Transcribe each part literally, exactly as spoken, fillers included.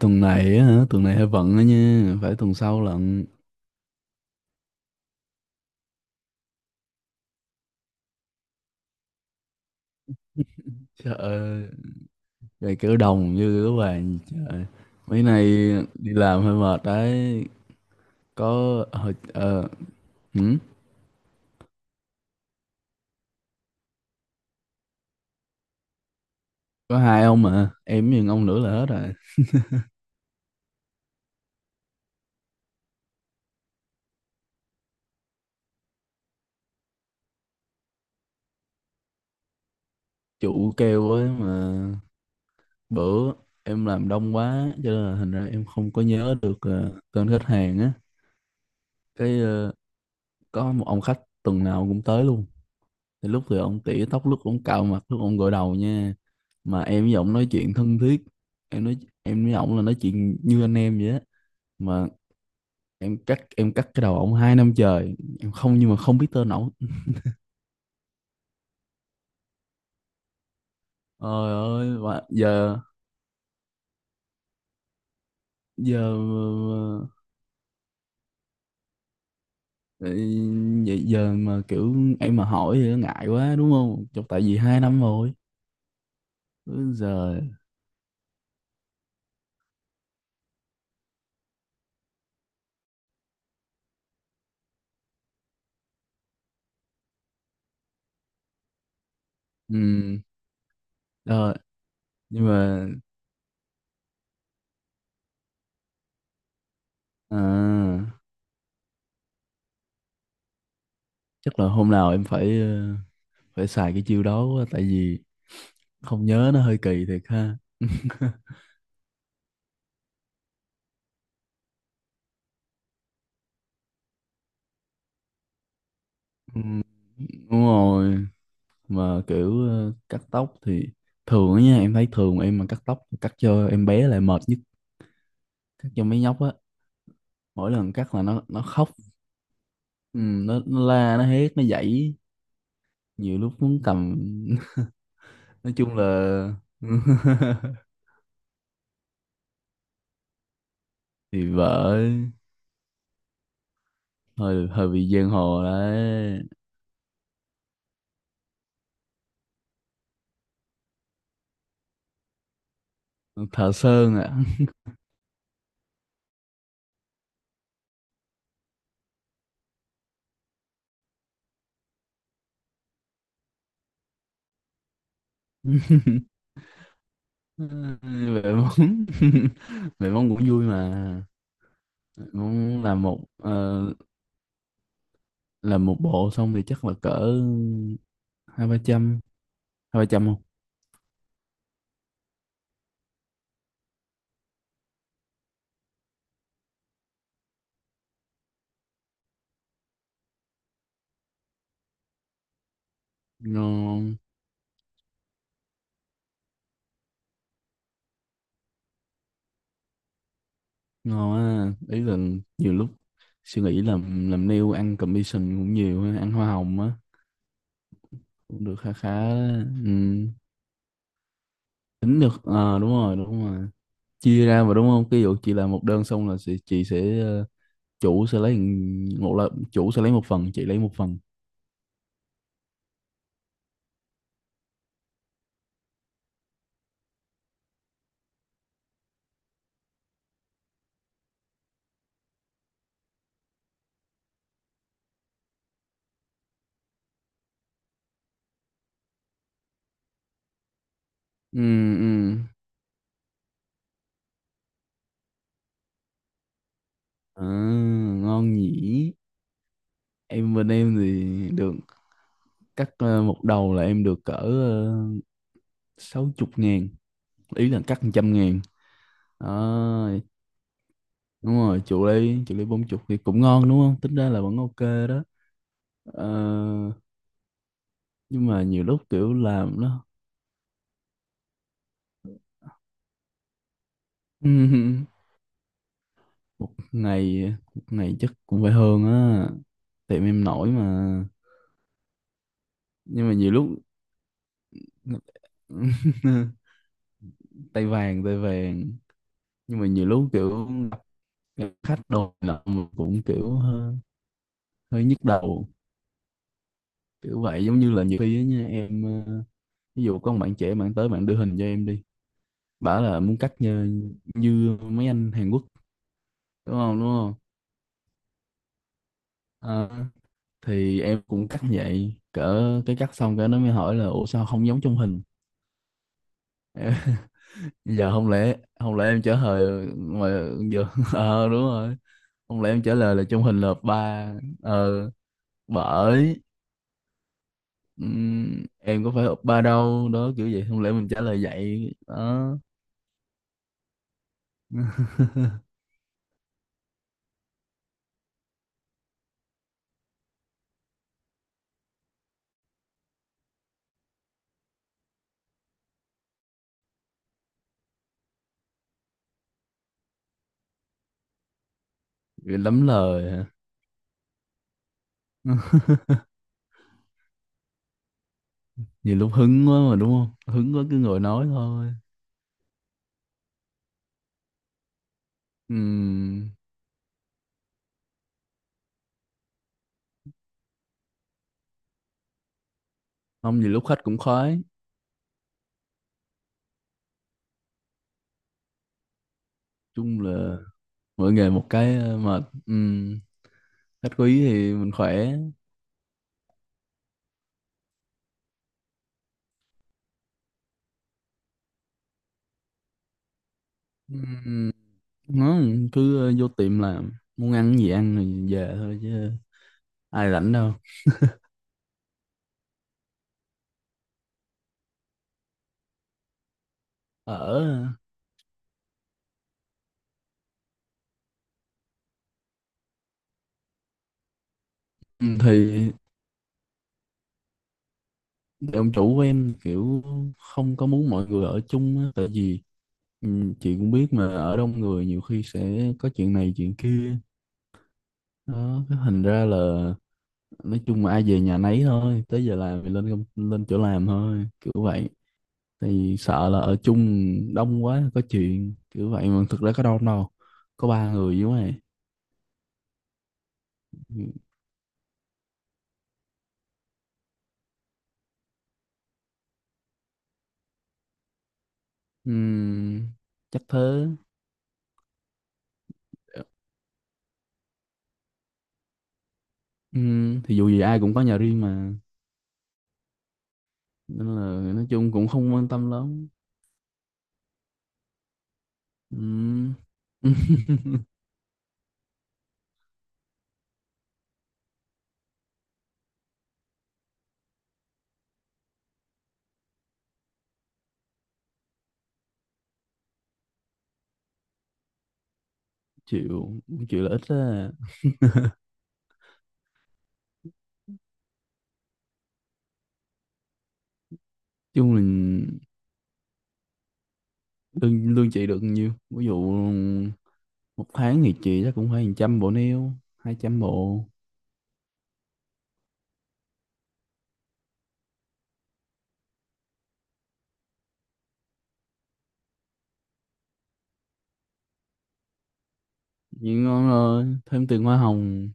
Tuần này á? Hả, tuần này hơi bận á nha, phải tuần sau lận. Trời ơi, về kiểu đồng như các bạn trời. Mấy nay đi làm hơi mệt đấy. Có hồi ờ hử? Có hai ông mà em với ông nữa là hết rồi. Chủ kêu ấy mà. Bữa em làm đông quá cho nên là thành ra em không có nhớ được ờ, tên khách hàng á. cái ờ, có một ông khách tuần nào cũng tới luôn. Thì lúc thì ông tỉa tóc, lúc ông cạo mặt, lúc ông gội đầu nha. Mà em với ông nói chuyện thân thiết. Em nói em với ông là nói chuyện như anh em vậy á. Mà em cắt em cắt cái đầu ông hai năm trời em không, nhưng mà không biết tên ổng. Ơi ơi, mà giờ, giờ ờ, giờ, giờ mà kiểu em mà hỏi thì nó ngại quá đúng không? Chọc, tại vì hai năm rồi. Úi giời. Ừ, rồi. Nhưng mà à, chắc là hôm nào em phải ờ, phải xài cái chiêu đó quá, tại vì không nhớ nó hơi kỳ thiệt ha. Ừ, đúng rồi. Mà kiểu ờ, cắt tóc thì thường á nha. Em thấy thường em mà cắt tóc, cắt cho em bé lại mệt nhất. Cắt cho mấy nhóc á, mỗi lần cắt là nó nó khóc. Ừ, nó, nó la, nó hét, nó dãy. Nhiều lúc muốn cầm. Nói chung là thì vợ hơi, hơi bị giang hồ đấy. Thợ sơn ạ. À, mẹ mong, mẹ mong cũng vui mà. Muốn làm một ờ, làm một bộ xong thì chắc là cỡ hai ba trăm. Hai ba trăm không? Ngon, ngon á. Ý là nhiều lúc suy nghĩ, làm làm nail ăn commission cũng nhiều ha, ăn hoa hồng á. Cũng được khá khá á. Ừ. Tính được ờ đúng rồi, đúng rồi. Chia ra mà đúng không? Ví dụ chị làm một đơn xong là chị, chị sẽ ờ, chủ sẽ lấy, một là chủ sẽ lấy một phần, chị lấy một phần. Ừ. Ừ. À, ngon nhỉ. Em bên em thì được cắt ờ, một đầu là em được cỡ ờ, sáu chục ngàn. Ý là cắt trăm ngàn. Đó, đúng rồi, chịu ly, chịu ly bốn chục thì cũng ngon đúng không? Tính ra là vẫn ok. Đó. Ờ, nhưng mà nhiều lúc kiểu làm đó. Một ngày, một ngày chắc cũng phải hơn á. Tiệm em nổi mà. Nhưng mà nhiều lúc tay vàng, tay vàng. Nhưng mà nhiều lúc kiểu gặp khách đồ nọ mà cũng kiểu hơi, hơi nhức đầu. Kiểu vậy, giống như là nhiều khi á nha em, ờ, ví dụ có một bạn trẻ, bạn tới bạn đưa hình cho em đi, bảo là muốn cắt như, như mấy anh Hàn Quốc, đúng không, đúng không? Ờ, thì em cũng cắt như vậy, cỡ cái cắt xong cái nó mới hỏi là ủa sao không giống trong hình. Giờ không lẽ, không lẽ em trả lời mà giờ ờ đúng rồi, không lẽ em trả lời là trong hình là hợp ba. Ờ, bởi ừm, em có phải hợp ba đâu, đó kiểu vậy, không lẽ mình trả lời vậy đó. Bị lắm lời hả. Nhiều lúc hứng quá mà đúng không, hứng quá cứ ngồi nói thôi. Ừm, không, nhiều lúc khách cũng khoái. Chung là mỗi nghề một cái ờ, mệt. Ừm, khách có ý thì mình khỏe. Ừm, nó cứ ờ, vô tiệm làm, muốn ăn gì ăn rồi về thôi chứ, ai rảnh đâu ở. Ừ, thì ông chủ của em kiểu không có muốn mọi người ở chung á, tại vì, ừ, chị cũng biết mà ở đông người nhiều khi sẽ có chuyện này chuyện kia. Đó, cái thành ra là, nói chung mà ai về nhà nấy thôi, tới giờ làm thì lên công- lên chỗ làm thôi, kiểu vậy. Thì sợ là ở chung đông quá có chuyện kiểu vậy, mà thực ra có đông đâu, có ba người chứ mày. Ừm, chắc thế. Ừm, thì dù gì ai cũng có nhà riêng mà, nên là nói chung cũng không quan tâm lắm. Ừm. Chịu, chịu là ít á. Chung là lương lương chị được nhiêu, ví dụ một tháng thì chị chắc cũng phải một trăm bộ nail, hai trăm bộ. Nhưng ngon, rồi thêm tiền hoa hồng.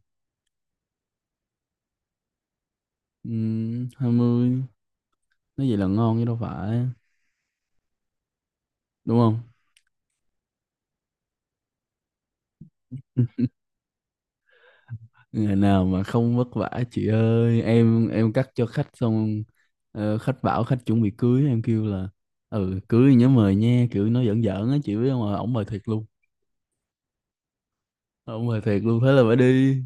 Um, hai mươi. Nói vậy là ngon chứ đâu phải, đúng không? Ngày nào mà không vất vả chị ơi. Em em cắt cho khách xong, ờ, khách bảo khách chuẩn bị cưới, em kêu là ừ cưới nhớ mời nha, kiểu nói giỡn giỡn á chị biết không, mà ổng mời thiệt luôn. Ổng mời thiệt luôn, thế là phải đi.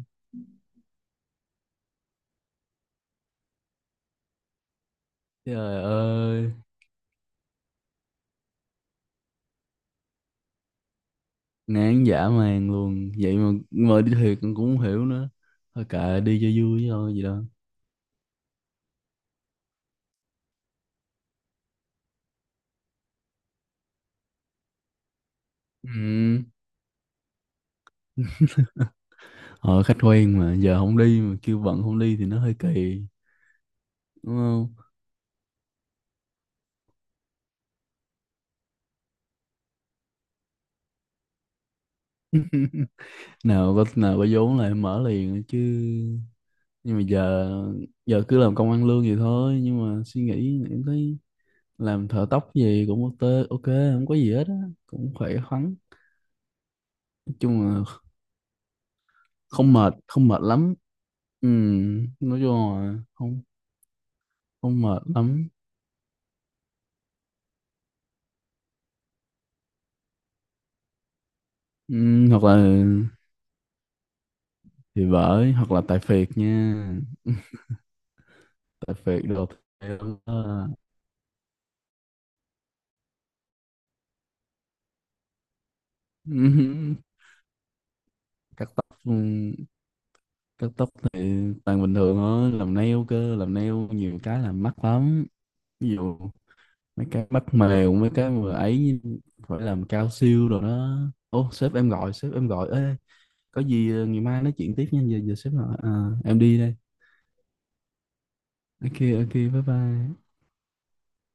Trời ơi, ngán dã man luôn. Vậy mà mà đi thiệt, con cũng không hiểu nữa. Thôi kệ, đi cho vui thôi gì đó. Ừ. Họ khách quen mà giờ không đi mà kêu bận không đi thì nó hơi kỳ, đúng không? Nào có, nào có vốn lại mở liền chứ. Nhưng mà giờ, giờ cứ làm công ăn lương vậy thôi. Nhưng mà suy nghĩ em thấy làm thợ tóc gì cũng ok, ok không có gì hết á, cũng khỏe khoắn. Nói chung là không mệt, không mệt lắm. Ừ, nói chung là không, không mệt lắm. Ừ, hoặc là, thì bởi hoặc là tại phiệt nha. Tại phiệt đồ, theo đó. Ừm, cắt tóc ừm, cắt tóc thì toàn bình thường thôi, làm nail cơ, làm nail nhiều cái làm mắc lắm. Ví dụ mấy cái mắt mèo, mấy cái mà ấy, phải làm cao siêu rồi đó. Ô, sếp em gọi, sếp em gọi. Ê, có gì ờ, ngày mai nói chuyện tiếp nha, giờ giờ sếp gọi à. Em đi đây. Ok, ok, bye bye.